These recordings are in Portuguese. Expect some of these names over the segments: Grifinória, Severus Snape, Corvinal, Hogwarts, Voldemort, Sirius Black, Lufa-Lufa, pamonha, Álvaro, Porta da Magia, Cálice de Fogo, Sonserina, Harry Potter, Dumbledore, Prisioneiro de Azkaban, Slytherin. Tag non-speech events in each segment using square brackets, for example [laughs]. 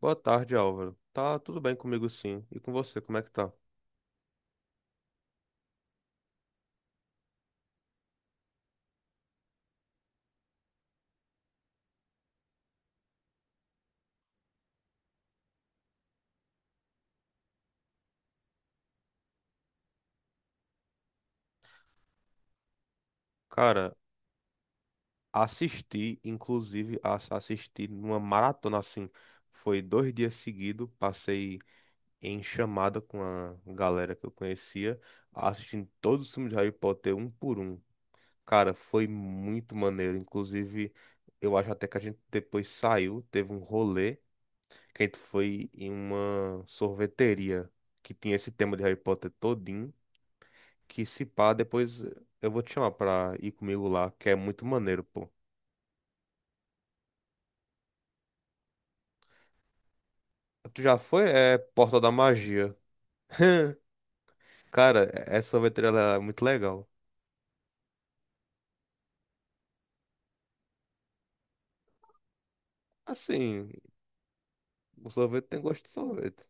Boa tarde, Álvaro. Tá tudo bem comigo sim. E com você, como é que tá? Cara, assisti, inclusive, assisti numa maratona assim. Foi dois dias seguidos, passei em chamada com a galera que eu conhecia, assistindo todos os filmes de Harry Potter um por um. Cara, foi muito maneiro. Inclusive, eu acho até que a gente depois saiu, teve um rolê, que a gente foi em uma sorveteria que tinha esse tema de Harry Potter todinho. Que se pá, depois eu vou te chamar pra ir comigo lá, que é muito maneiro, pô. Tu já foi? É Porta da Magia. Cara, é, essa sorveteria ela é muito legal. Assim, o sorvete tem gosto de sorvete.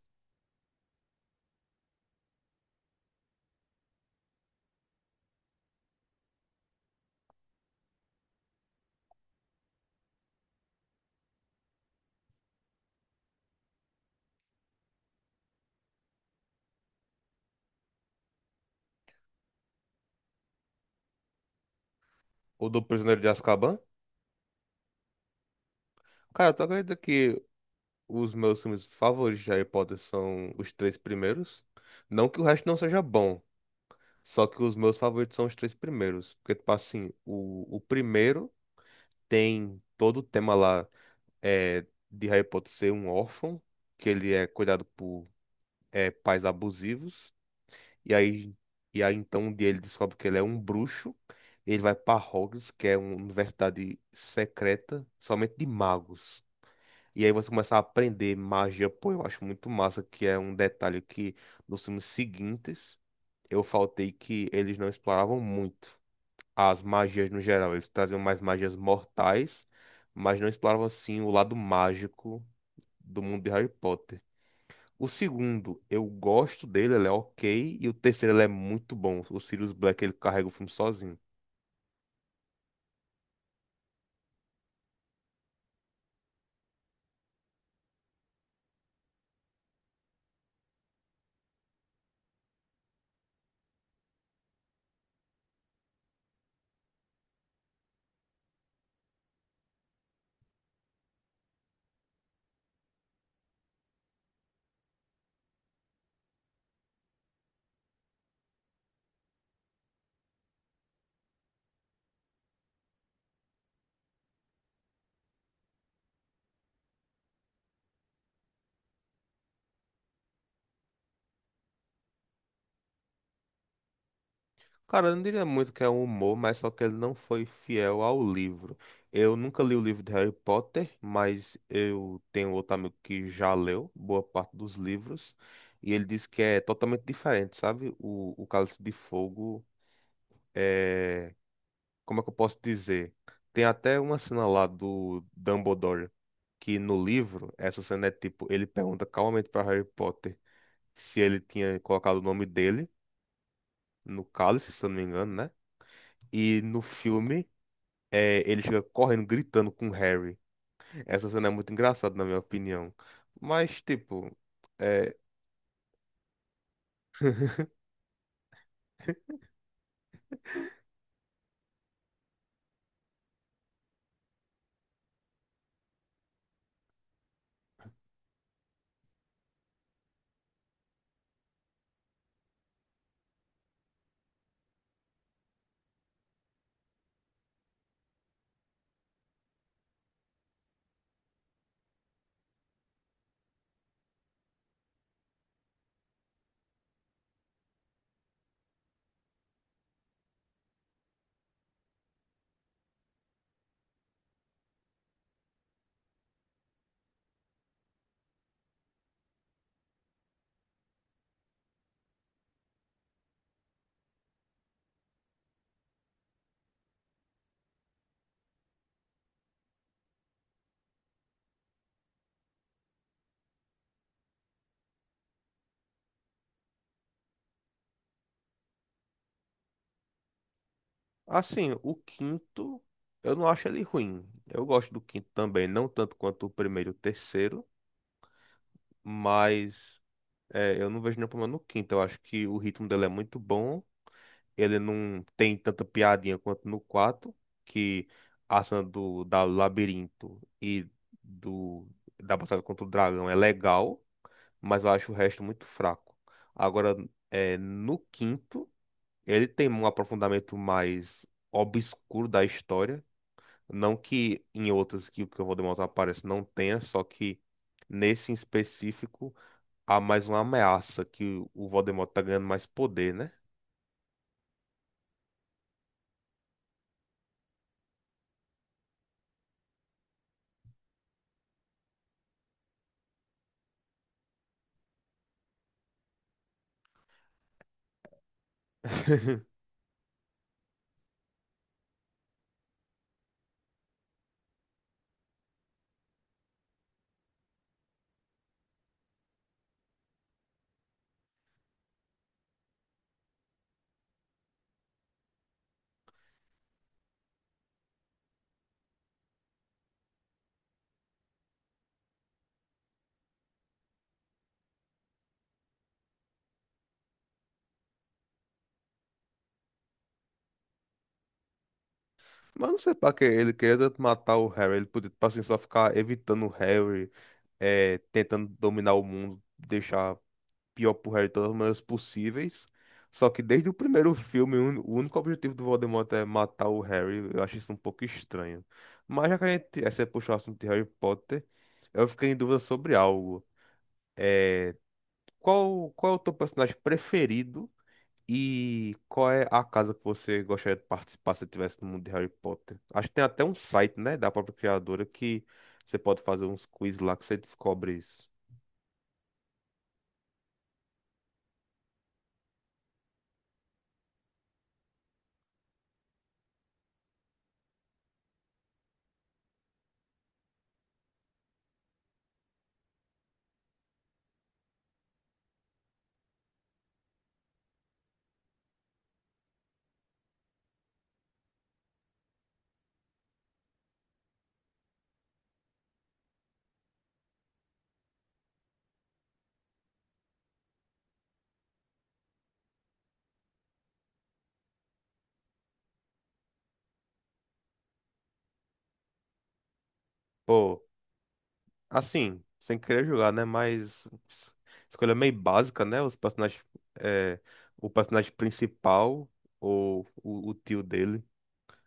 O do Prisioneiro de Azkaban? Cara, tu acredita que os meus filmes favoritos de Harry Potter são os três primeiros? Não que o resto não seja bom, só que os meus favoritos são os três primeiros. Porque, tipo assim, o primeiro tem todo o tema lá. De Harry Potter ser um órfão, que ele é cuidado por pais abusivos, e aí, e aí então um dia ele descobre que ele é um bruxo, ele vai para Hogwarts, que é uma universidade secreta, somente de magos. E aí você começa a aprender magia, pô, eu acho muito massa, que é um detalhe que nos filmes seguintes eu faltei que eles não exploravam muito as magias no geral, eles traziam mais magias mortais, mas não exploravam assim o lado mágico do mundo de Harry Potter. O segundo, eu gosto dele, ele é ok. E o terceiro, ele é muito bom. O Sirius Black, ele carrega o filme sozinho. Cara, eu não diria muito que é um humor, mas só que ele não foi fiel ao livro. Eu nunca li o livro de Harry Potter, mas eu tenho outro amigo que já leu boa parte dos livros. E ele disse que é totalmente diferente, sabe? O Cálice de Fogo é, como é que eu posso dizer? Tem até uma cena lá do Dumbledore que no livro, essa cena é tipo, ele pergunta calmamente para Harry Potter se ele tinha colocado o nome dele no cálice, se eu não me engano, né? E no filme, ele chega correndo, gritando com Harry. Essa cena é muito engraçada, na minha opinião. Mas, tipo, é... [laughs] assim, o quinto, eu não acho ele ruim. Eu gosto do quinto também, não tanto quanto o primeiro e o terceiro, mas. É, eu não vejo nenhum problema no quinto. Eu acho que o ritmo dele é muito bom. Ele não tem tanta piadinha quanto no 4, que a cena do, da labirinto e do, da batalha contra o dragão é legal, mas eu acho o resto muito fraco. Agora, no quinto, ele tem um aprofundamento mais obscuro da história. Não que em outras que o que eu vou demonstrar apareça não tenha, só que nesse em específico há mais uma ameaça que o Voldemort tá ganhando mais poder, né? [laughs] Mas não sei pra que ele queria tanto matar o Harry. Ele podia, tipo assim, só ficar evitando o Harry, é, tentando dominar o mundo, deixar pior pro Harry de todas as maneiras possíveis. Só que desde o primeiro filme, o único objetivo do Voldemort é matar o Harry. Eu acho isso um pouco estranho. Mas já que a gente, essa é puxar o assunto de Harry Potter, eu fiquei em dúvida sobre algo. É, qual é o teu personagem preferido? E qual é a casa que você gostaria de participar se tivesse no mundo de Harry Potter? Acho que tem até um site, né, da própria criadora que você pode fazer uns quiz lá que você descobre isso. Pô, assim, sem querer jogar, né, mas escolha meio básica, né? Os personagens, é, o personagem principal ou o tio dele.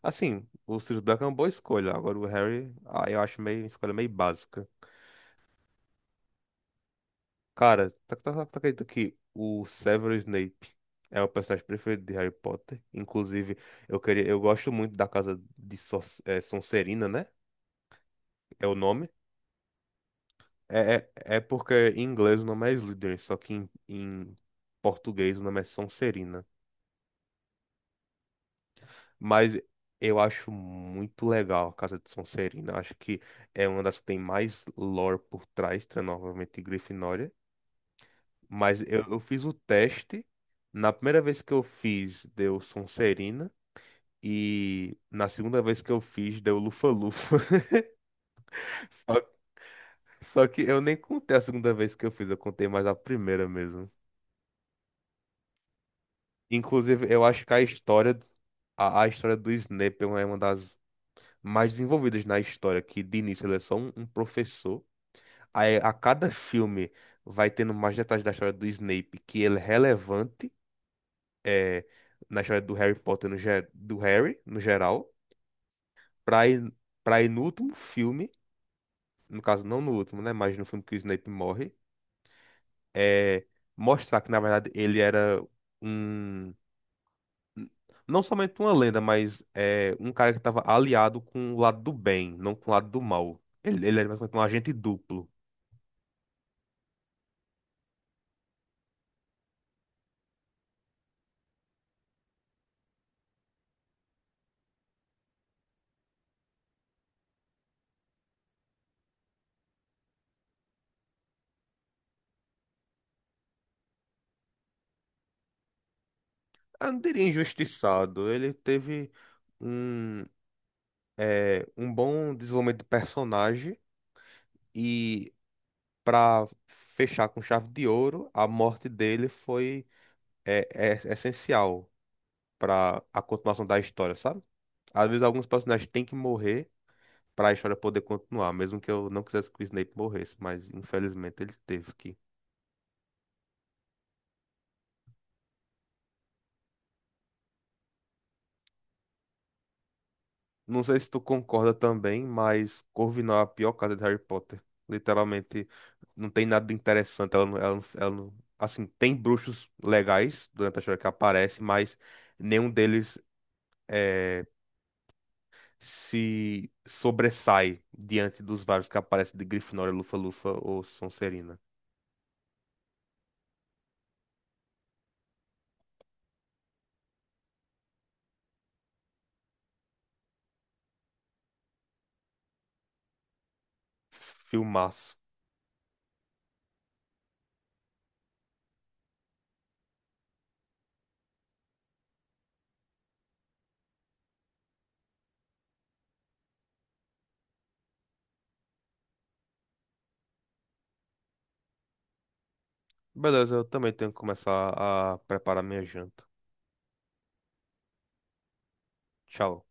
Assim, o Sirius Black é uma boa escolha. Agora o Harry, ah, eu acho meio escolha meio básica. Cara, tá acredita que o Severus Snape é o personagem preferido de Harry Potter? Inclusive, eu queria, eu gosto muito da casa de é, Sonserina, né? É o nome. É porque em inglês o nome é Slytherin, só que em português o nome é Sonserina. Mas eu acho muito legal a casa de Sonserina. Acho que é uma das que tem mais lore por trás, tá? Novamente Grifinória. Mas eu fiz o teste. Na primeira vez que eu fiz, deu Sonserina. E na segunda vez que eu fiz, deu Lufa-Lufa. [laughs] Só, só que eu nem contei a segunda vez que eu fiz, eu contei mais a primeira mesmo. Inclusive, eu acho que a história, a história do Snape é uma das mais desenvolvidas na história, que de início ele é só um, um professor. Aí a cada filme vai tendo mais detalhes da história do Snape, que ele é relevante. É, na história do Harry Potter, do Harry, no geral, pra ir, pra ir no último filme, no caso, não no último, né? Mas no filme que o Snape morre, é, mostrar que, na verdade, ele era um. Não somente uma lenda, mas é, um cara que estava aliado com o lado do bem, não com o lado do mal. Ele era basicamente um agente duplo. Eu não diria injustiçado. Ele teve um, é, um bom desenvolvimento de personagem. E para fechar com chave de ouro, a morte dele foi é, é essencial para a continuação da história, sabe? Às vezes alguns personagens têm que morrer para a história poder continuar, mesmo que eu não quisesse que o Snape morresse, mas infelizmente ele teve que. Não sei se tu concorda também, mas Corvinal é a pior casa de Harry Potter. Literalmente, não tem nada de interessante. Ela não- assim, tem bruxos legais durante a história que aparece, mas nenhum deles é, se sobressai diante dos vários que aparecem de Grifinória, Lufa-Lufa ou Sonserina. Filmaço. Beleza, eu também tenho que começar a preparar minha janta. Tchau.